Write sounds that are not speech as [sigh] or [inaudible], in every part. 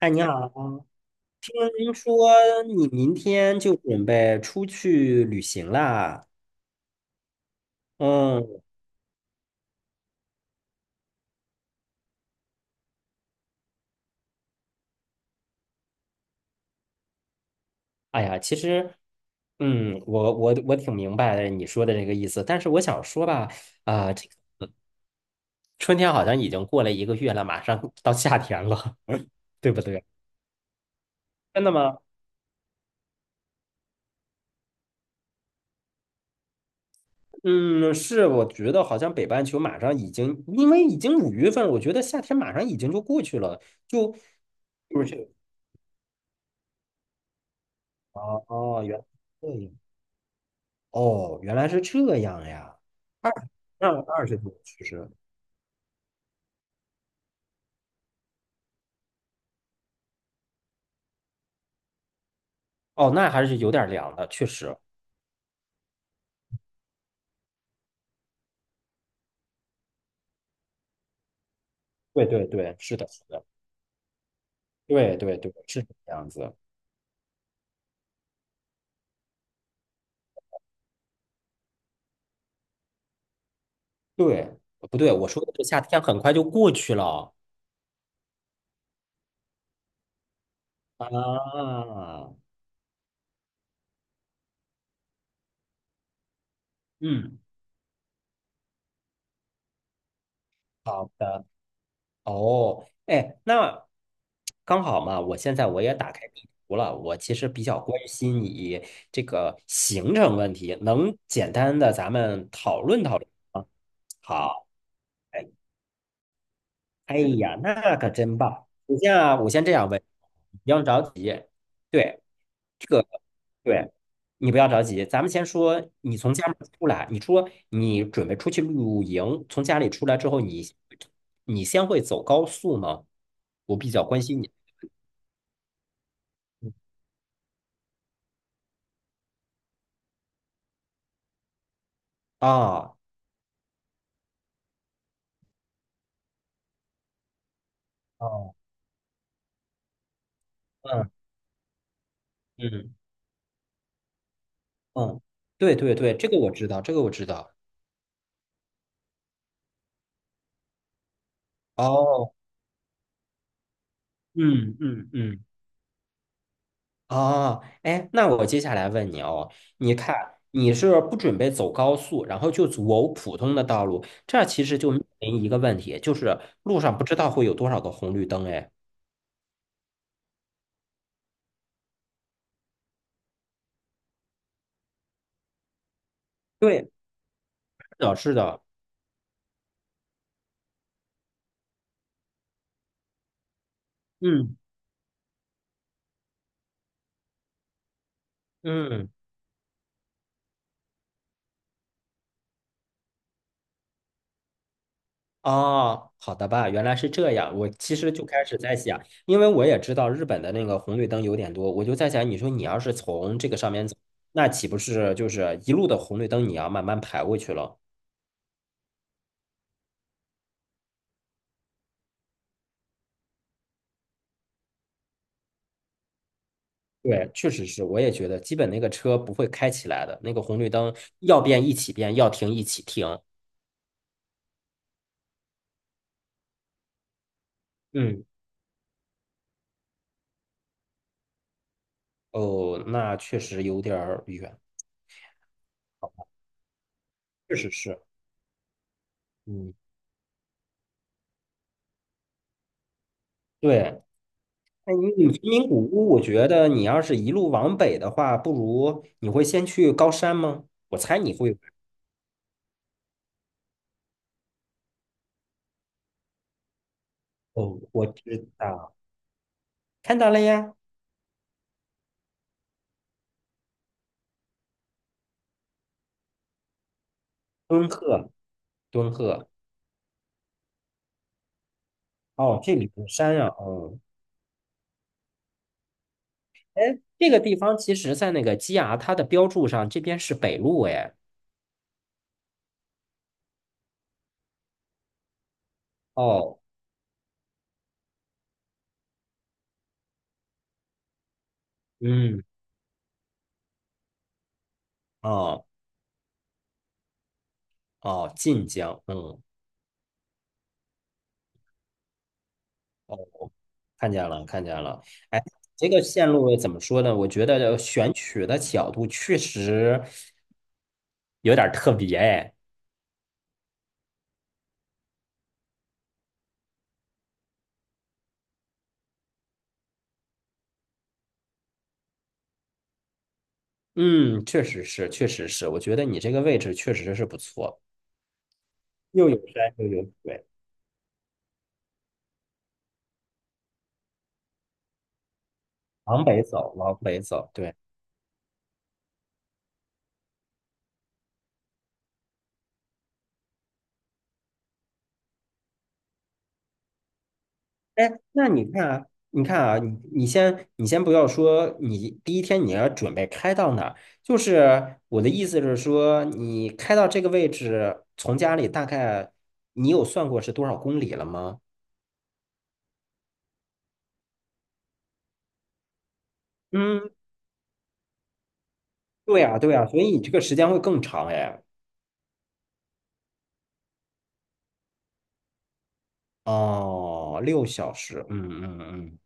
哎，你好，听说你明天就准备出去旅行啦？嗯。哎呀，其实，嗯，我挺明白你说的这个意思，但是我想说吧，这个春天好像已经过了一个月了，马上 [laughs] 到夏天了，[laughs] 对不对？真的吗？嗯，是，我觉得好像北半球马上已经，因为已经5月份了，我觉得夏天马上已经就过去了，就就是。哦哦，原来。哦，原来是这样呀。二，那20度其实，哦，那还是有点凉的，确实。对对对，是的，是的，对对对，是这样子。对，不对？我说的这夏天很快就过去了啊。嗯，好的。哦，哎，那刚好嘛，我现在我也打开地图了。我其实比较关心你这个行程问题，能简单的咱们讨论讨论吗？好。哎哎呀，那可真棒！你像我先这样问，不用着急。对，这个，对，你不要着急。咱们先说，你从家门出来，你说你准备出去露营，从家里出来之后，你你先会走高速吗？我比较关心你。啊，哦，嗯嗯嗯，对对对，这个我知道，这个我知道。哦，嗯嗯嗯。哦，哎，那我接下来问你哦，你看你是不准备走高速，然后就走普通的道路，这其实就面临一个问题，就是路上不知道会有多少个红绿灯，哎，对，是的，是的，嗯嗯，哦，好的吧，原来是这样，我其实就开始在想，因为我也知道日本的那个红绿灯有点多，我就在想，你说你要是从这个上面走，那岂不是就是一路的红绿灯，你要慢慢排过去了？对，确实是，我也觉得，基本那个车不会开起来的，那个红绿灯要变一起变，要停一起停。嗯，哦，那确实有点儿远，确实是。嗯，对，那你贫民古屋，我觉得你要是一路往北的话，不如你会先去高山吗？我猜你会。哦，我知道，看到了呀，敦贺，敦贺。哦，这里的山啊，哦，这个地方其实在那个基牙它的标注上，这边是北路，哎，哦。嗯，哦哦，晋江，嗯，哦，看见了，看见了。哎，这个线路怎么说呢？我觉得选取的角度确实有点儿特别，哎，嗯，确实是，确实是。我觉得你这个位置确实是不错，又有山又有水，往北走，往北走，对。哎，那你看啊，你看啊，你先不要说，你第一天你要准备开到哪儿？就是我的意思是说，你开到这个位置，从家里大概你有算过是多少公里了吗？嗯，对呀，对呀，所以你这个时间会更长哎。哦，六小时，嗯嗯嗯。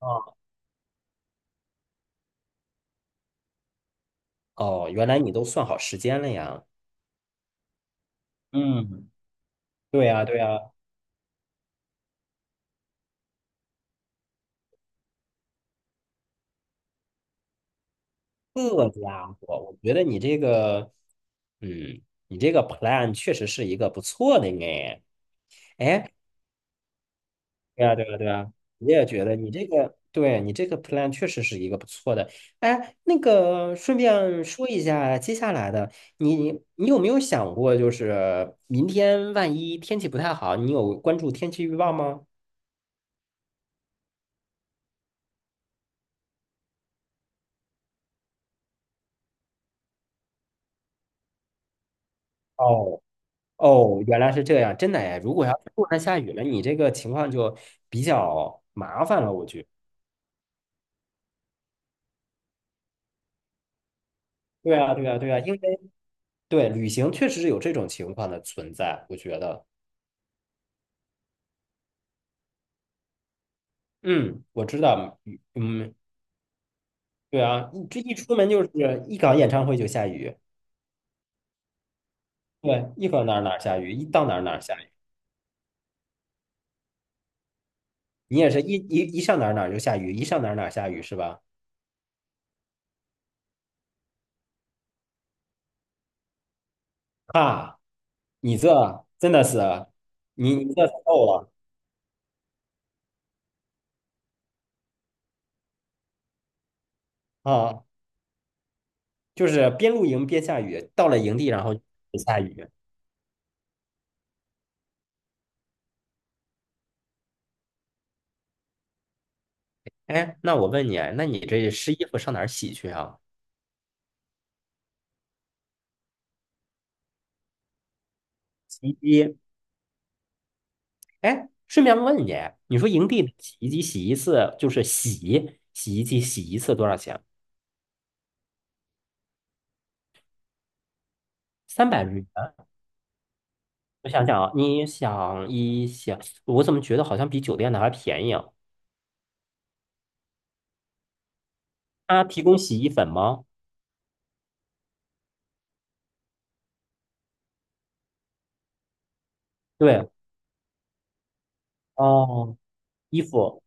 哦哦，原来你都算好时间了呀。嗯，对呀，对呀，这家伙，我觉得你这个。嗯，你这个 plan 确实是一个不错的呢。哎，对啊，对啊，对啊，我也觉得你这个，对你这个 plan 确实是一个不错的。哎，那个顺便说一下，接下来的你，你有没有想过，就是明天万一天气不太好，你有关注天气预报吗？哦哦，原来是这样，真的哎。如果要是突然下雨了，你这个情况就比较麻烦了，我觉得。对啊，对啊，对啊，因为对，旅行确实是有这种情况的存在，我觉得。嗯，我知道。嗯，嗯对啊，一这一出门就是一搞演唱会就下雨，对，一搞哪儿哪儿下雨，一到哪儿哪儿下雨。你也是一上哪儿哪儿就下雨，一上哪儿哪儿下雨是吧？啊，你这真的是，你你这够了啊！就是边露营边下雨，到了营地然后就下雨。哎，那我问你，那你这湿衣服上哪儿洗去啊？洗衣机。哎，顺便问你，你说营地的洗衣机洗一次就是洗衣机洗一次多少钱？300日元。我想想啊，你想一想，我怎么觉得好像比酒店的还便宜啊？他提供洗衣粉吗？对，哦，衣服，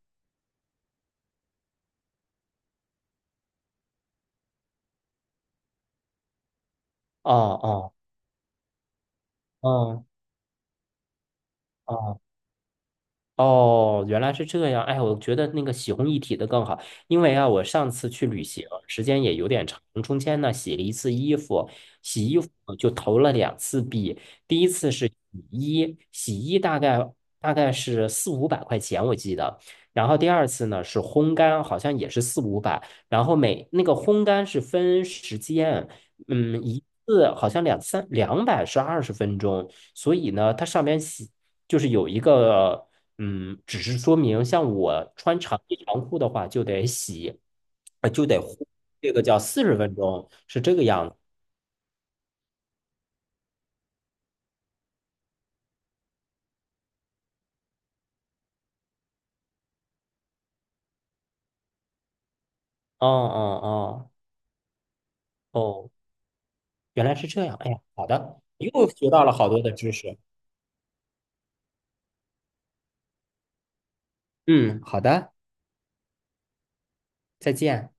哦哦哦哦哦，原来是这样。哎，我觉得那个洗烘一体的更好，因为啊，我上次去旅行，时间也有点长，中间呢洗了一次衣服，洗衣服就投了2次币。第一次是洗衣，洗衣大概是四五百块钱，我记得。然后第二次呢是烘干，好像也是四五百。然后每那个烘干是分时间，嗯，一次好像两三两百是20分钟，所以呢，它上面洗就是有一个。嗯，只是说明像我穿长衣长裤的话，就得洗，就得呼，这个叫40分钟，是这个样子。哦哦哦哦，原来是这样。哎呀，好的，又学到了好多的知识。嗯，好的，再见。